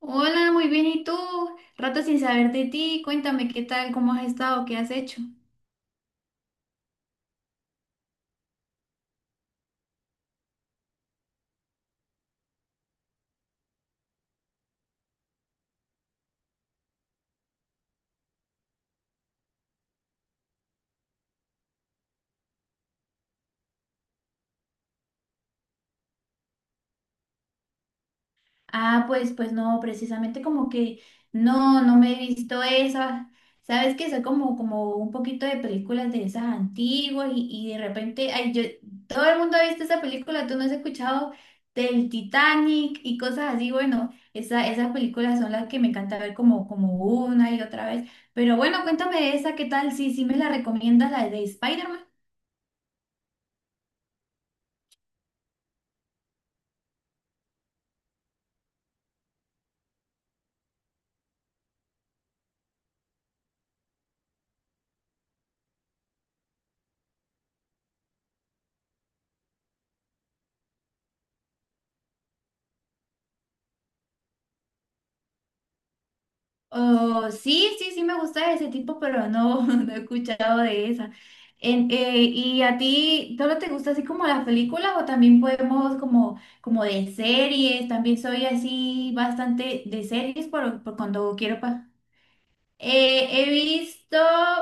Hola, muy bien. ¿Y tú? Rato sin saber de ti. Cuéntame qué tal, cómo has estado, qué has hecho. Ah, pues, pues no, precisamente como que no me he visto esa. Sabes que soy como, como un poquito de películas de esas antiguas y de repente, ay, yo, todo el mundo ha visto esa película, tú no has escuchado del Titanic y cosas así. Bueno, esa, esas películas son las que me encanta ver como, como una y otra vez. Pero bueno, cuéntame de esa, ¿qué tal? Sí, sí me la recomiendas, la de Spider-Man. Oh, sí, sí, sí me gusta ese tipo, pero no, no he escuchado de esa. ¿Y a ti solo te gusta así como las películas o también podemos como, como de series? También soy así bastante de series por cuando quiero pa. He visto,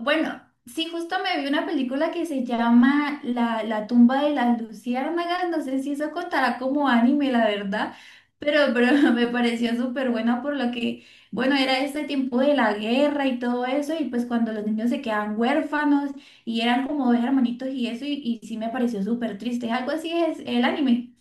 bueno, sí, justo me vi una película que se llama la tumba de las luciérnagas, no sé si eso contará como anime, la verdad, pero me pareció súper buena por lo que, bueno, era este tiempo de la guerra y todo eso, y pues cuando los niños se quedan huérfanos y eran como dos hermanitos y eso, y sí me pareció súper triste, algo así es el anime.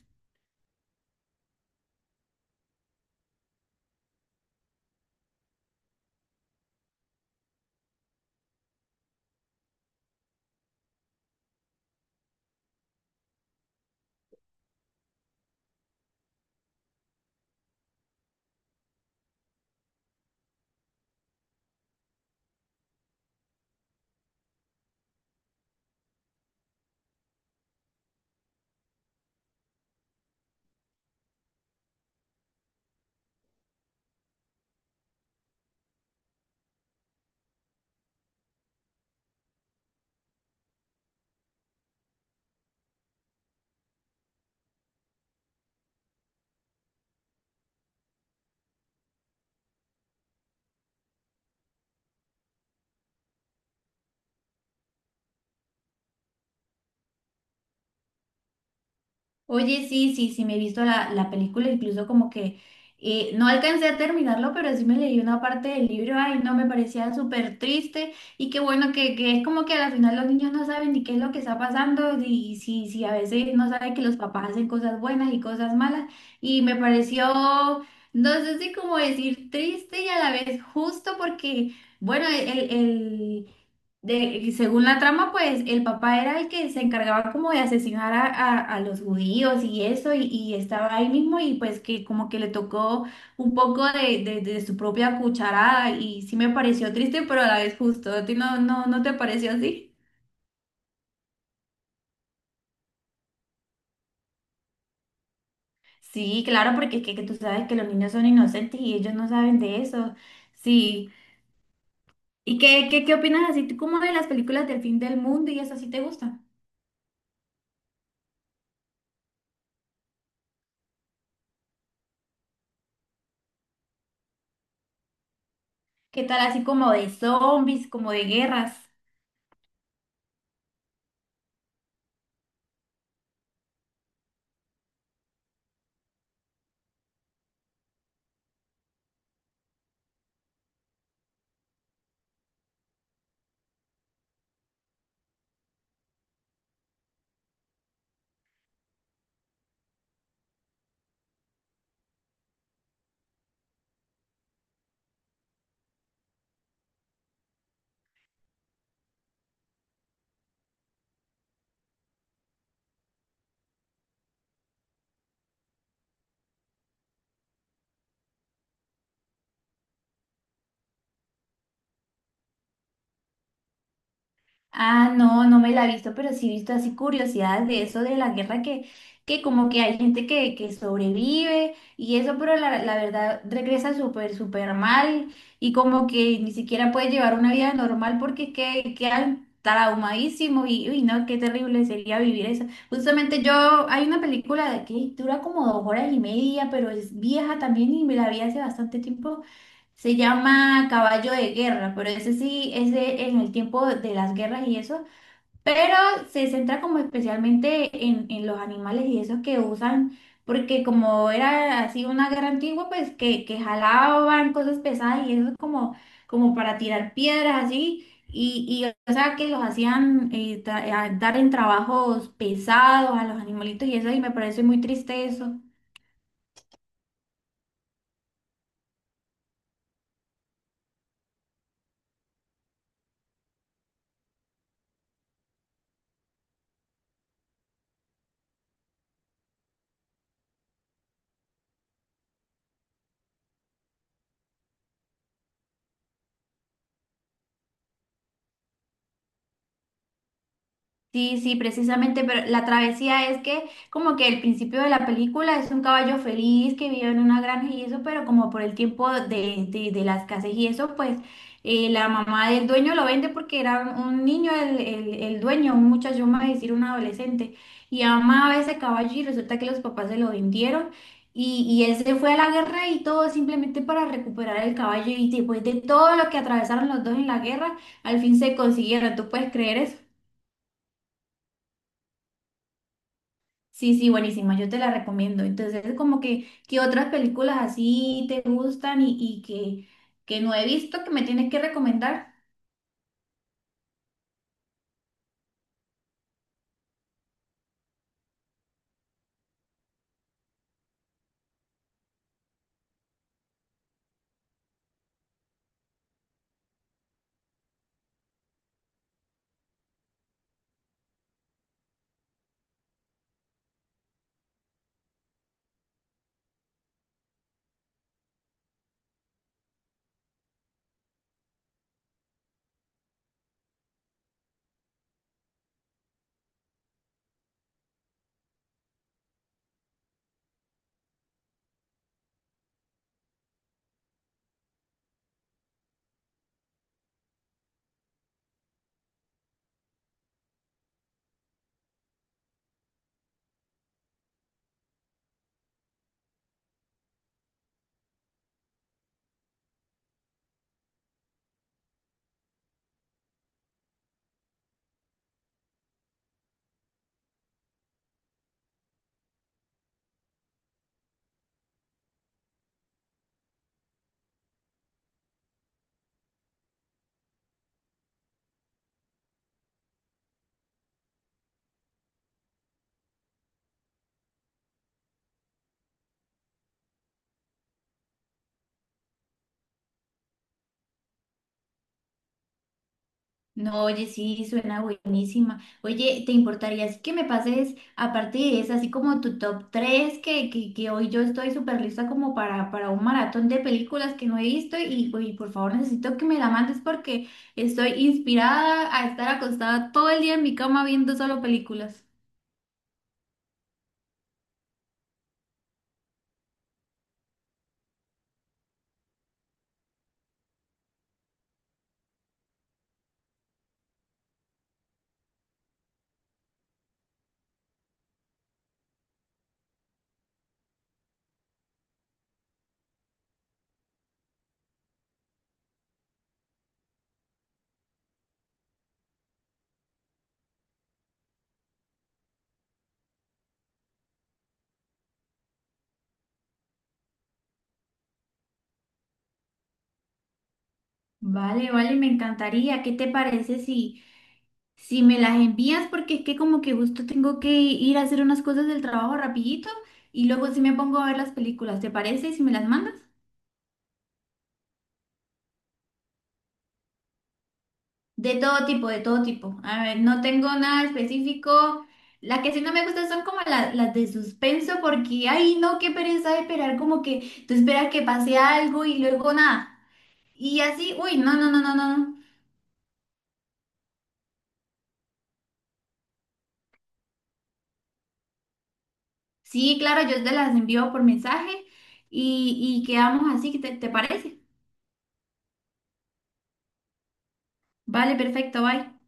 Oye, sí, sí, sí, me he visto la película, incluso como que no alcancé a terminarlo, pero sí me leí una parte del libro, ay, no, me parecía súper triste y qué bueno que es como que al final los niños no saben ni qué es lo que está pasando y sí, sí, a veces no saben que los papás hacen cosas buenas y cosas malas y me pareció, no sé si como decir triste y a la vez justo porque, bueno, de, según la trama, pues el papá era el que se encargaba como de asesinar a, a los judíos y eso, y estaba ahí mismo y pues que como que le tocó un poco de, de su propia cucharada y sí me pareció triste, pero a la vez justo. ¿A ti no, no, no te pareció así? Sí, claro, porque es que tú sabes que los niños son inocentes y ellos no saben de eso. Sí. ¿Y qué, qué, qué opinas así tú como de las películas del fin del mundo y eso sí te gusta? ¿Qué tal así como de zombies, como de guerras? Ah, no, no me la he visto, pero sí he visto así curiosidades de eso, de la guerra que como que hay gente que sobrevive y eso, pero la verdad regresa súper, súper mal y como que ni siquiera puede llevar una vida normal porque que, quedan traumadísimos y uy, no, qué terrible sería vivir eso. Justamente yo, hay una película de que dura como dos horas y media, pero es vieja también y me la vi hace bastante tiempo, se llama Caballo de Guerra, pero ese sí es en el tiempo de las guerras y eso, pero se centra como especialmente en los animales y eso que usan, porque como era así una guerra antigua, pues que jalaban cosas pesadas y eso como, como para tirar piedras así, y o sea que los hacían dar en trabajos pesados a los animalitos y eso, y me parece muy triste eso. Sí, sí, precisamente, pero la travesía es que como que el principio de la película es un caballo feliz que vive en una granja y eso, pero como por el tiempo de la escasez y eso, pues la mamá del dueño lo vende porque era un niño el dueño, un muchacho, vamos a decir un adolescente, y amaba ese caballo y resulta que los papás se lo vendieron y él se fue a la guerra y todo simplemente para recuperar el caballo y después de todo lo que atravesaron los dos en la guerra, al fin se consiguieron, ¿tú puedes creer eso? Sí, sí, buenísima, yo te la recomiendo. Entonces, como que, ¿qué otras películas así te gustan y que no he visto que me tienes que recomendar? No, oye, sí, suena buenísima. Oye, ¿te importaría así que me pases, aparte de esa, así como tu top 3 que hoy yo estoy súper lista como para un maratón de películas que no he visto y por favor necesito que me la mandes porque estoy inspirada a estar acostada todo el día en mi cama viendo solo películas. Vale, vale, me encantaría. ¿Qué te parece si, si me las envías? Porque es que como que justo tengo que ir a hacer unas cosas del trabajo rapidito y luego sí me pongo a ver las películas. ¿Te parece si me las mandas? De todo tipo, de todo tipo. A ver, no tengo nada específico. Las que sí no me gustan son como las de suspenso porque, ay, no, qué pereza de esperar, como que tú esperas que pase algo y luego nada. Y así, uy, no, no, no, no, no, no. Sí, claro, yo te las envío por mensaje y quedamos así, ¿te, te parece? Vale, perfecto, bye.